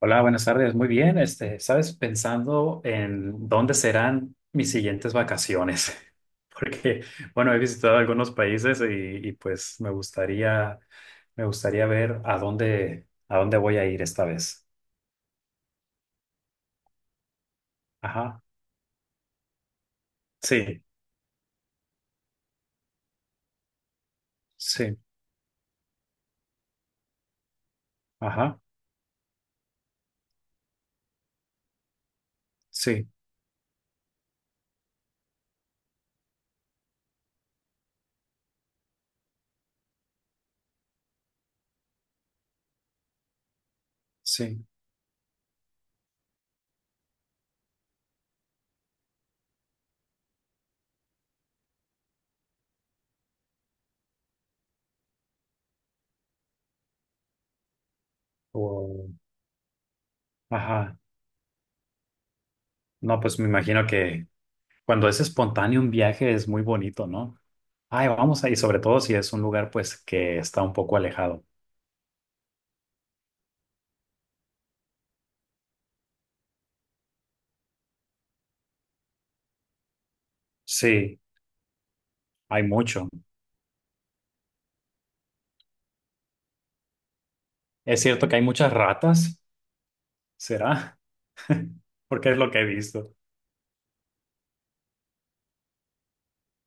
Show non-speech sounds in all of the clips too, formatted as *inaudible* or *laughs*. Hola, buenas tardes. Muy bien. Este, sabes, pensando en dónde serán mis siguientes vacaciones, *laughs* porque, bueno, he visitado algunos países y pues me gustaría ver a dónde voy a ir esta vez. Ajá. Sí, sí, ajá, sí, sí. O- ajá. No, pues me imagino que cuando es espontáneo un viaje es muy bonito, ¿no? Ay, vamos ahí, sobre todo si es un lugar pues que está un poco alejado. Sí. Hay mucho. Es cierto que hay muchas ratas, ¿será? *laughs* Porque es lo que he visto.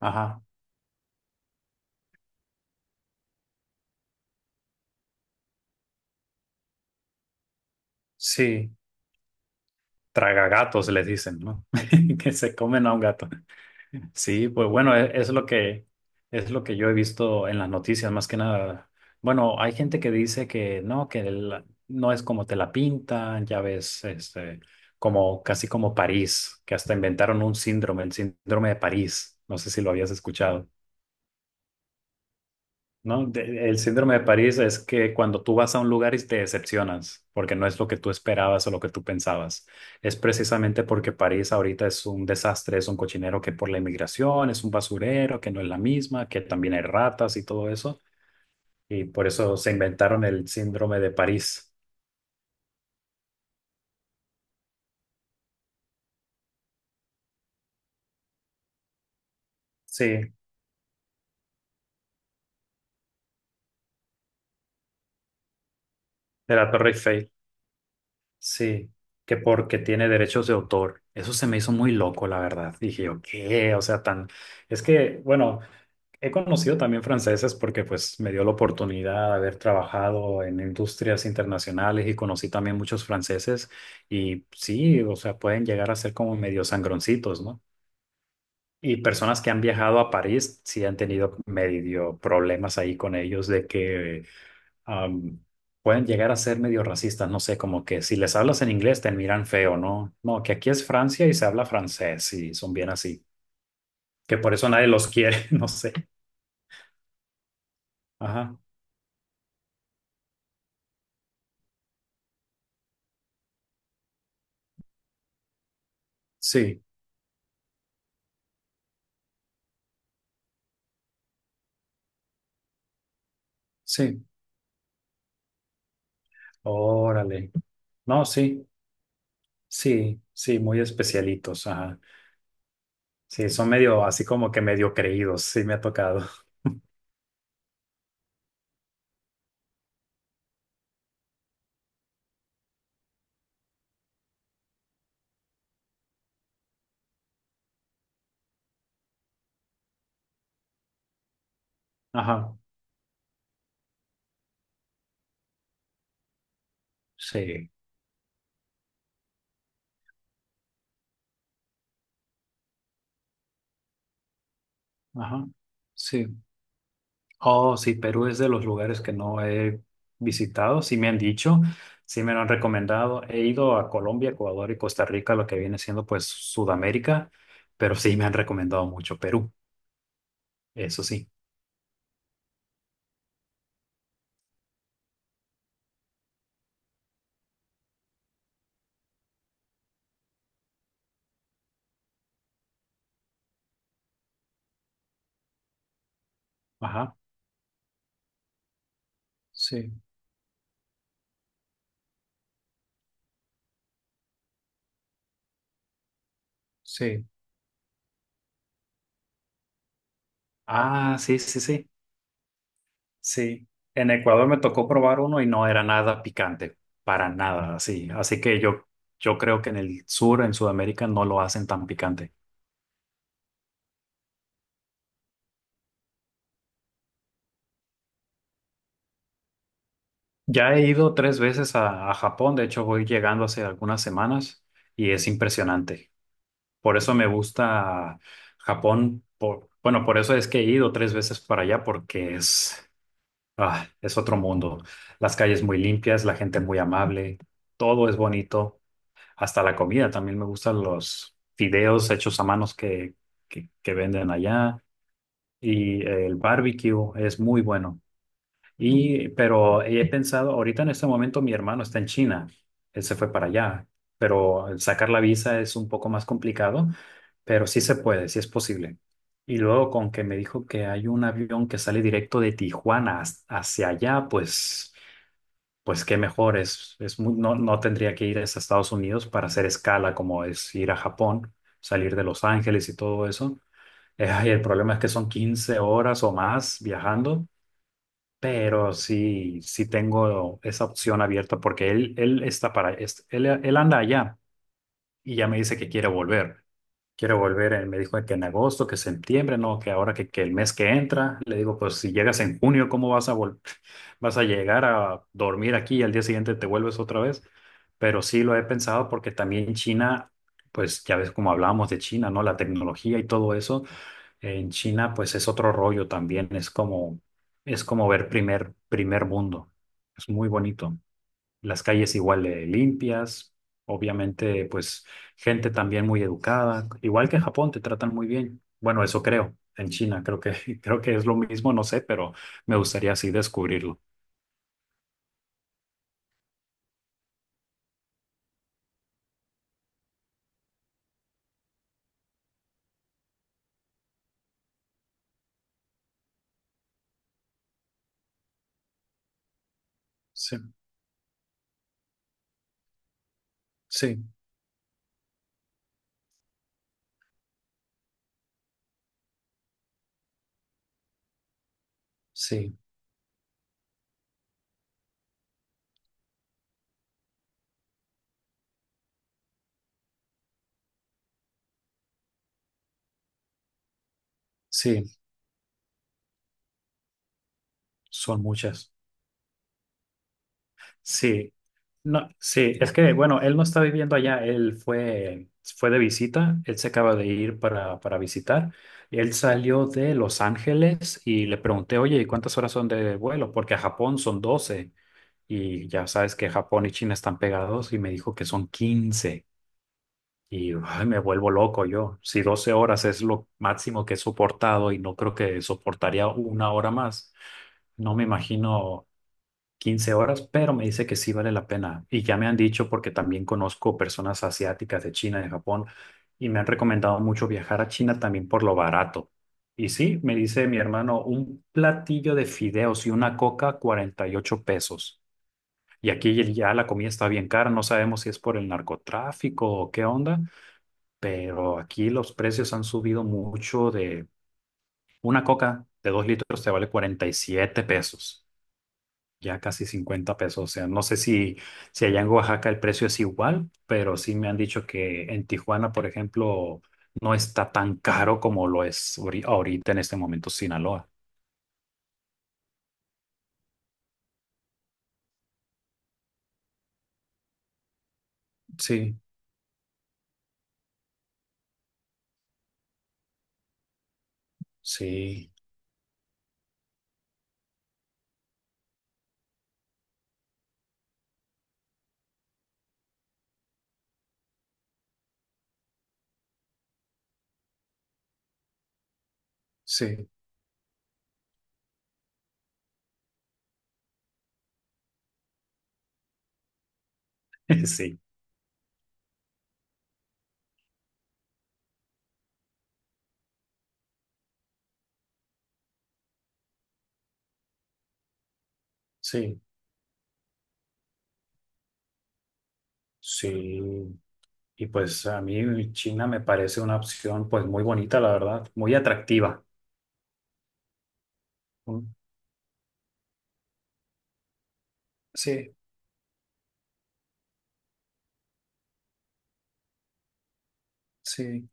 Ajá. Sí, tragagatos les dicen, ¿no? *laughs* Que se comen a un gato. Sí, pues bueno, lo que yo he visto en las noticias, más que nada. Bueno, hay gente que dice que no, que no es como te la pintan, ya ves, este, como casi como París, que hasta inventaron un síndrome, el síndrome de París. No sé si lo habías escuchado. No, el síndrome de París es que cuando tú vas a un lugar y te decepcionas, porque no es lo que tú esperabas o lo que tú pensabas. Es precisamente porque París ahorita es un desastre, es un cochinero que por la inmigración es un basurero, que no es la misma, que también hay ratas y todo eso. Y por eso se inventaron el síndrome de París. Sí, de la Torre Eiffel. Sí, que porque tiene derechos de autor. Eso se me hizo muy loco, la verdad. Dije yo, ¿qué? O sea, tan... Es que, bueno. He conocido también franceses porque pues me dio la oportunidad de haber trabajado en industrias internacionales y conocí también muchos franceses y sí, o sea, pueden llegar a ser como medio sangroncitos, ¿no? Y personas que han viajado a París sí han tenido medio problemas ahí con ellos de que am, pueden llegar a ser medio racistas, no sé, como que si les hablas en inglés te miran feo, ¿no? No, que aquí es Francia y se habla francés y son bien así, que por eso nadie los quiere, *laughs* no sé. Ajá, sí. Sí. Órale. No, sí, sí, sí, muy especialitos. Ajá. Sí, son medio así como que medio creídos. Sí, me ha tocado. Ajá. Sí, ajá. Sí. Oh, sí, Perú es de los lugares que no he visitado. Sí, me han dicho, sí, me lo han recomendado. He ido a Colombia, Ecuador y Costa Rica, lo que viene siendo pues Sudamérica, pero sí me han recomendado mucho Perú. Eso sí. Ajá. Sí, sí. Ah, sí, sí, sí. Sí, en Ecuador me tocó probar uno y no era nada picante, para nada, así. Así que yo creo que en el sur, en Sudamérica, no lo hacen tan picante. Ya he ido tres veces a Japón, de hecho voy llegando hace algunas semanas y es impresionante. Por eso me gusta Japón, bueno, por eso es que he ido tres veces para allá porque es, ah, es otro mundo. Las calles muy limpias, la gente muy amable, todo es bonito. Hasta la comida, también me gustan los fideos hechos a manos que venden allá y el barbecue es muy bueno. Y, pero he pensado, ahorita en este momento mi hermano está en China, él se fue para allá, pero el sacar la visa es un poco más complicado, pero sí se puede, sí es posible. Y luego con que me dijo que hay un avión que sale directo de Tijuana hacia allá, pues qué mejor no, no tendría que ir hasta Estados Unidos para hacer escala, como es ir a Japón, salir de Los Ángeles y todo eso. *laughs* Ay, el problema es que son 15 horas o más viajando, pero sí, sí tengo esa opción abierta porque él está para, él anda allá y ya me dice que quiere volver. Quiero volver, me dijo que en agosto, que septiembre, no, que ahora que, el mes que entra, le digo, pues si llegas en junio, ¿cómo vas a *laughs* vas a llegar a dormir aquí y al día siguiente te vuelves otra vez? Pero sí lo he pensado porque también China, pues ya ves como hablábamos de China, ¿no? La tecnología y todo eso, en China pues es otro rollo también, es como ver primer mundo. Es muy bonito, las calles igual de limpias, obviamente pues gente también muy educada, igual que en Japón te tratan muy bien. Bueno, eso creo, en China creo que *laughs* creo que es lo mismo, no sé, pero me gustaría así descubrirlo. Sí, sí, sí, sí, son muchas. Sí, no, sí, es que bueno, él no está viviendo allá, él fue de visita, él se acaba de ir para visitar. Él salió de Los Ángeles y le pregunté, oye, ¿y cuántas horas son de vuelo? Porque a Japón son 12 y ya sabes que Japón y China están pegados y me dijo que son 15 y ay, me vuelvo loco yo. Si 12 horas es lo máximo que he soportado y no creo que soportaría una hora más, no me imagino 15 horas, pero me dice que sí vale la pena. Y ya me han dicho porque también conozco personas asiáticas de China, de Japón y me han recomendado mucho viajar a China también por lo barato. Y sí, me dice mi hermano, un platillo de fideos y una coca, 48 pesos. Y aquí ya la comida está bien cara, no sabemos si es por el narcotráfico o qué onda, pero aquí los precios han subido mucho. De una coca de 2 litros te vale 47 pesos, ya casi 50 pesos. O sea, no sé si, si allá en Oaxaca el precio es igual, pero sí me han dicho que en Tijuana, por ejemplo, no está tan caro como lo es ahorita en este momento Sinaloa. Sí, sí, sí. *laughs* Sí, sí, sí. Y pues a mí China me parece una opción pues muy bonita, la verdad, muy atractiva. Mm. Sí, sí.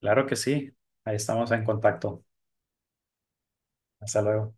Claro que sí. Ahí estamos en contacto. Hasta luego.